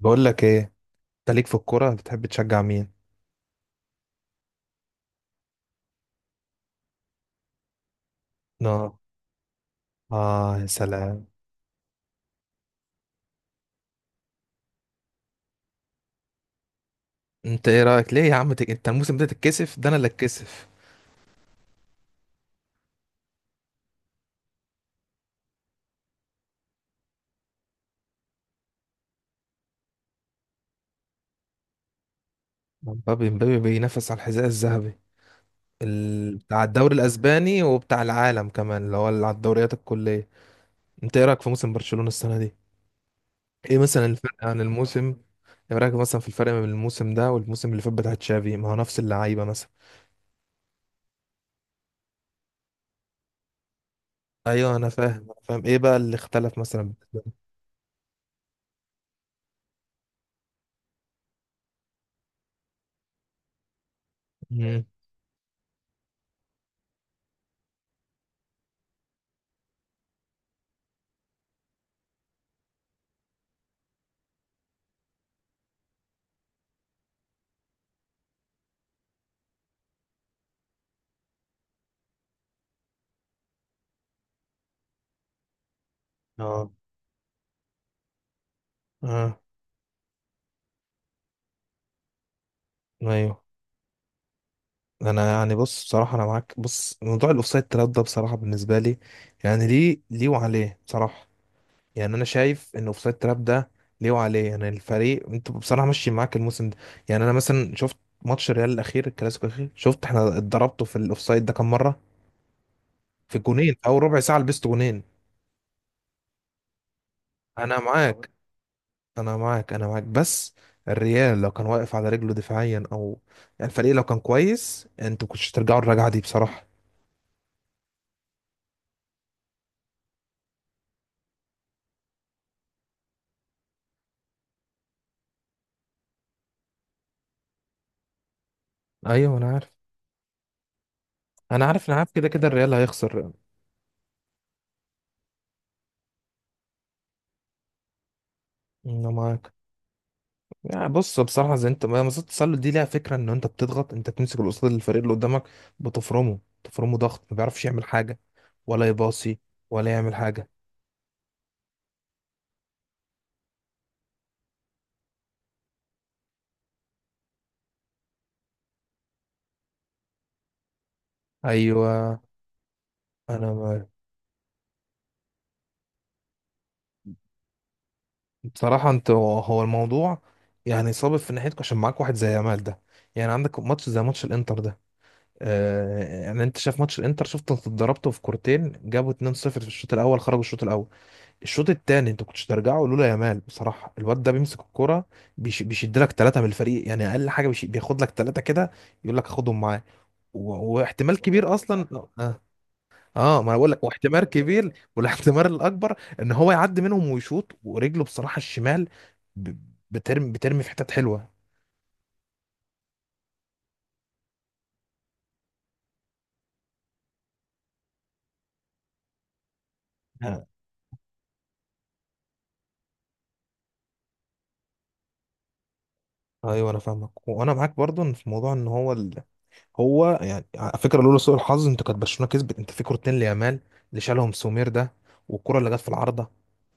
بقول لك ايه، انت ليك في الكوره بتحب تشجع مين؟ اه. اه يا سلام. انت ايه رايك ليه يا عم انت الموسم ده تتكسف؟ ده انا اللي اتكسف. مبابي بينافس على الحذاء الذهبي بتاع الدوري الاسباني وبتاع العالم كمان، اللي هو اللي على الدوريات الكليه. انت ايه رايك في موسم برشلونه السنه دي؟ ايه مثلا الفرق عن الموسم؟ ايه رايك مثلا في الفرق بين الموسم ده والموسم اللي فات بتاع تشافي؟ ما هو نفس اللعيبه مثلا. ايوه انا فاهم، ايه بقى اللي اختلف مثلا بالنسبة لك؟ مم. اه. اه. ايوه. انا يعني بص، بصراحه انا معاك. بص موضوع الاوفسايد تراب ده بصراحه بالنسبه لي، يعني ليه وعليه بصراحه. يعني انا شايف ان الاوفسايد تراب ده ليه وعليه. يعني الفريق، انت بصراحه ماشي معاك الموسم ده. يعني انا مثلا شفت ماتش الريال الاخير، الكلاسيكو الاخير، شفت احنا اتضربته في الاوفسايد ده كام مره؟ في الجونين او ربع ساعه لبست جونين. انا معاك انا معاك بس الريال لو كان واقف على رجله دفاعيا، او يعني الفريق لو كان كويس، انتوا كنتش ترجعوا الرجعه دي بصراحه. ايوه انا عارف انا عارف، كده كده الريال هيخسر. انا معاك. يعني بص بصراحه، زي انت ما مصيدة التسلل دي ليها فكره، ان انت بتضغط، انت بتمسك القصاد الفريق اللي قدامك، بتفرمه تفرمه ضغط، ما بيعرفش يعمل حاجه ولا يباصي ولا يعمل حاجه. ايوه انا معاك. بصراحه انت هو الموضوع، يعني صابب في ناحيتك عشان معاك واحد زي يامال ده. يعني عندك ماتش زي ماتش الانتر ده. آه يعني انت شايف ماتش الانتر، شفت انت اتضربته في كورتين، جابوا 2-0 في الشوط الاول، خرجوا الشوط الاول. الشوط التاني انت كنتش ترجعه لولا يامال. بصراحه الواد ده بيمسك الكوره، بيشد لك ثلاثه من الفريق. يعني اقل حاجه بياخد لك ثلاثه كده، يقول لك خدهم معاه. واحتمال كبير اصلا. اه, آه ما انا بقول لك، واحتمال كبير، والاحتمال الاكبر ان هو يعدي منهم ويشوط ورجله بصراحه الشمال، ب... بترمي في حتت حلوه. آه. ايوه انا فاهمك وانا معاك برضو في موضوع ان هو يعني على فكره لولا سوء الحظ انت، كانت برشلونه كسبت، انت في كورتين ليامال اللي شالهم سومير ده، والكره اللي جت في العارضه.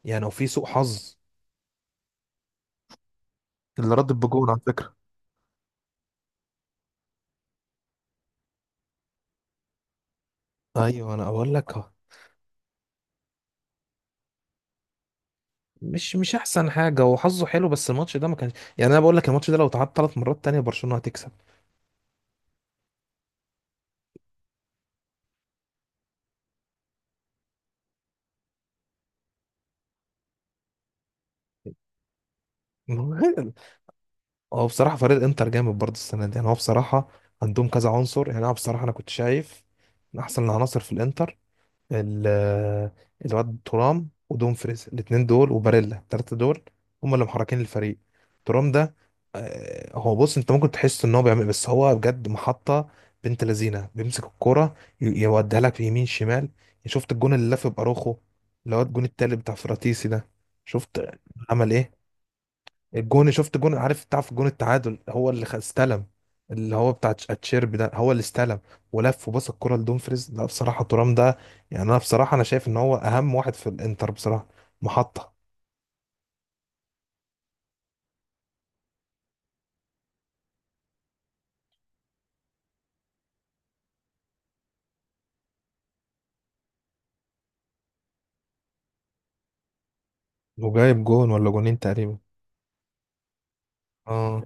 يعني وفي سوء حظ اللي ردت بجون على فكره. ايوه انا اقول لك أهو. مش احسن حاجه. هو حظه حلو بس الماتش ده ما كانش. يعني انا بقول لك الماتش ده لو اتعاد ثلاث مرات تانية برشلونه هتكسب. هو بصراحه فريق انتر جامد برضه السنه دي. يعني هو بصراحه عندهم كذا عنصر. يعني انا بصراحه انا كنت شايف من احسن العناصر في الانتر ال- الواد ترام ودومفريز الاتنين دول وباريلا، التلاتة دول هم اللي محركين الفريق. ترام ده هو بص، انت ممكن تحس ان هو بيعمل، بس هو بجد محطة، بنت لذينة بيمسك الكرة، يوديها لك في يمين شمال. شفت الجون اللي لف باروخو، اللي هو الجون التالت بتاع فراتيسي ده؟ شفت عمل ايه؟ الجون، شفت جون، عارف تعرف جون التعادل هو اللي استلم، اللي هو بتاع اتشيربي ده هو اللي استلم، ولف وبص الكرة لدومفريز. لا بصراحة ترام ده، يعني انا بصراحة انا شايف ان هو اهم واحد في الانتر بصراحة. محطة. وجايب جون ولا جونين تقريبا. اه.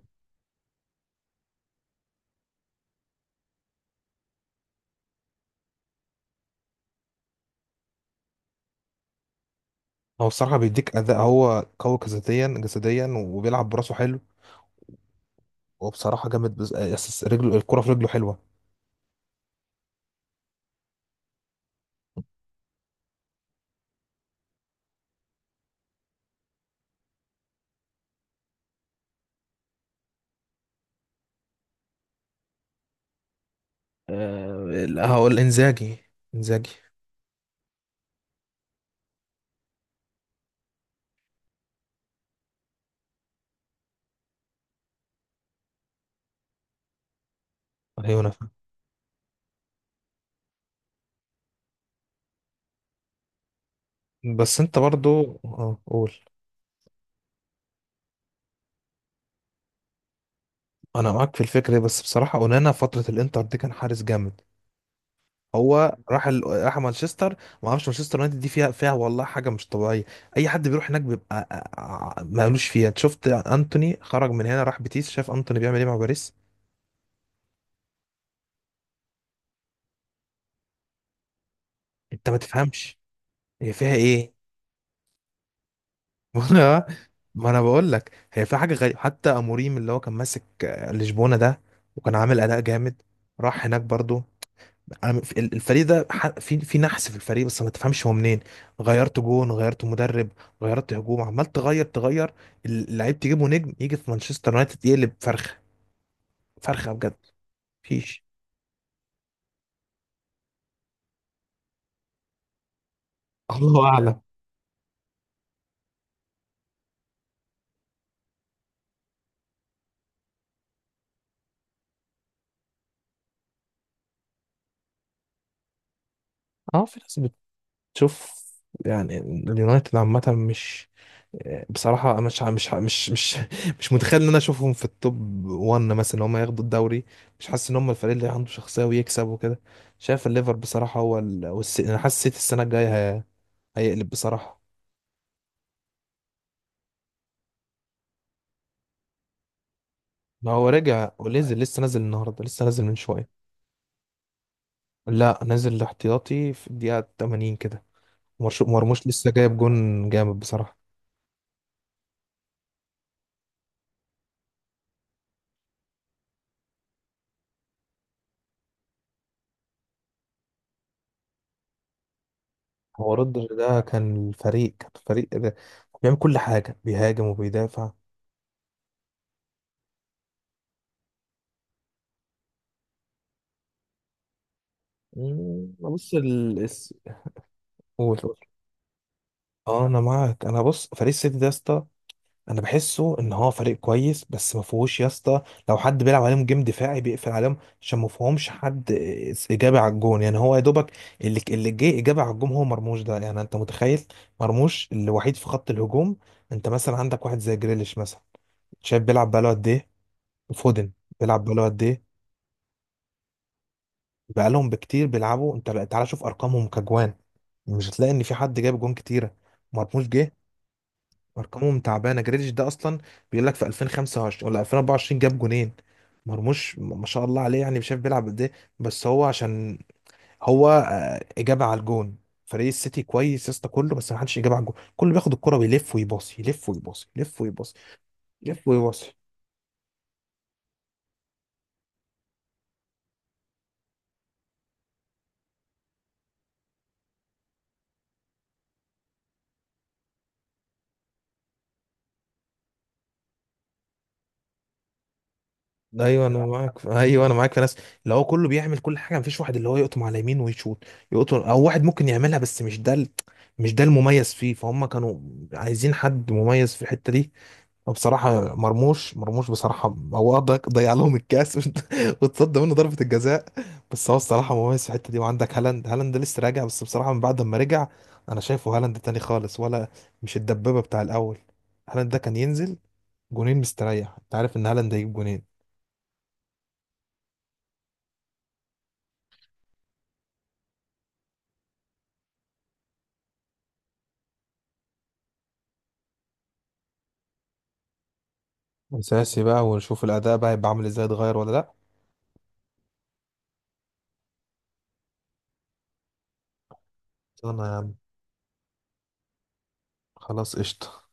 هو بصراحة بيديك أداء، هو قوي جسديا، جسديا وبيلعب براسه حلو، وبصراحة جامد. رجله الكرة في رجله حلوة. هقول انزاجي. انزاجي. ايوه أنا فاهم. بس انت برضو اه قول. انا معاك في الفكره دي، بس بصراحه اونانا فتره الانتر دي كان حارس جامد. هو راح راح مانشستر. ما اعرفش مانشستر يونايتد دي فيها، والله حاجه مش طبيعيه. اي حد بيروح هناك بيبقى مالوش فيها. أنت شفت انتوني خرج من هنا راح بيتيس، شاف انتوني بيعمل ايه مع باريس؟ انت ما تفهمش هي فيها ايه. ما انا بقول لك هي فيها حاجه غريبه. حتى اموريم اللي هو كان ماسك لشبونه ده وكان عامل اداء جامد، راح هناك برضو. الفريق ده في نحس في الفريق بس ما تفهمش هو منين. غيرت جون، غيرت مدرب، غيرت هجوم، عمال تغير. اللعيب تجيبه نجم يجي في مانشستر يونايتد يقلب فرخه، فرخه بجد. مفيش. الله اعلم. اه في ناس بتشوف. يعني اليونايتد عامة مش، بصراحة مش متخيل ان انا اشوفهم في التوب 1 مثلا، ان هم ياخدوا الدوري. مش حاسس ان هم الفريق اللي عنده شخصية ويكسب وكده. شايف الليفر بصراحة هو انا حاسس السيتي السنة الجاية هيقلب بصراحة. ما هو رجع ونزل، لسه نازل النهاردة، لسه نازل من شوية. لا نازل احتياطي في الدقيقة 80 كده. مرموش لسه جايب جون جامد بصراحة. هو رودر ده كان الفريق، كان الفريق ده بيعمل كل حاجة، بيهاجم وبيدافع. مم، بص قول قول. اه انا معاك. انا بص فريق السيتي ده يا اسطى، انا بحسه ان هو فريق كويس بس ما فيهوش يا اسطى. لو حد بيلعب عليهم جيم دفاعي بيقفل عليهم، عشان ما فيهمش حد اجابه على الجون. يعني هو يا دوبك اللي جه اجابه على الجون هو مرموش ده. يعني انت متخيل مرموش الوحيد في خط الهجوم؟ انت مثلا عندك واحد زي جريليش مثلا، شايف بيلعب بقاله قد ايه؟ وفودن بيلعب بقاله قد ايه؟ بقالهم بكتير بيلعبوا. انت تعالى شوف ارقامهم كجوان، مش هتلاقي ان في حد جايب جون كتيره. مرموش جه. ارقامهم تعبانه. جريليش ده اصلا بيقول لك في 2025 ولا 2024 جاب جونين. مرموش ما شاء الله عليه، يعني مش عارف بيلعب قد ايه. بس هو عشان هو اجابه على الجون. فريق السيتي كويس يا اسطى كله، بس ما حدش اجابه على الجون، كله بياخد الكره ويلف ويباصي، يلف ويباصي. ايوه انا معاك ايوه انا معاك في ناس اللي هو كله بيعمل كل حاجه، مفيش واحد اللي هو يقطم على يمين ويشوط، يقطم. او واحد ممكن يعملها بس مش ده مش ده المميز فيه، فهم كانوا عايزين حد مميز في الحته دي. وبصراحة مرموش، مرموش بصراحة هو ضيع لهم الكاس واتصدى منه ضربة الجزاء. بس هو الصراحة مميز في الحتة دي. وعندك هالاند، هالاند لسه راجع بس بصراحة من بعد ما رجع أنا شايفه هالاند تاني خالص، ولا مش الدبابة بتاع الأول. هالاند ده كان ينزل جونين مستريح، أنت عارف إن هالاند هيجيب جونين. أساسي بقى، ونشوف الأداء بقى هيبقى عامل إزاي، اتغير ولا لأ. أنا يا عم خلاص قشطة.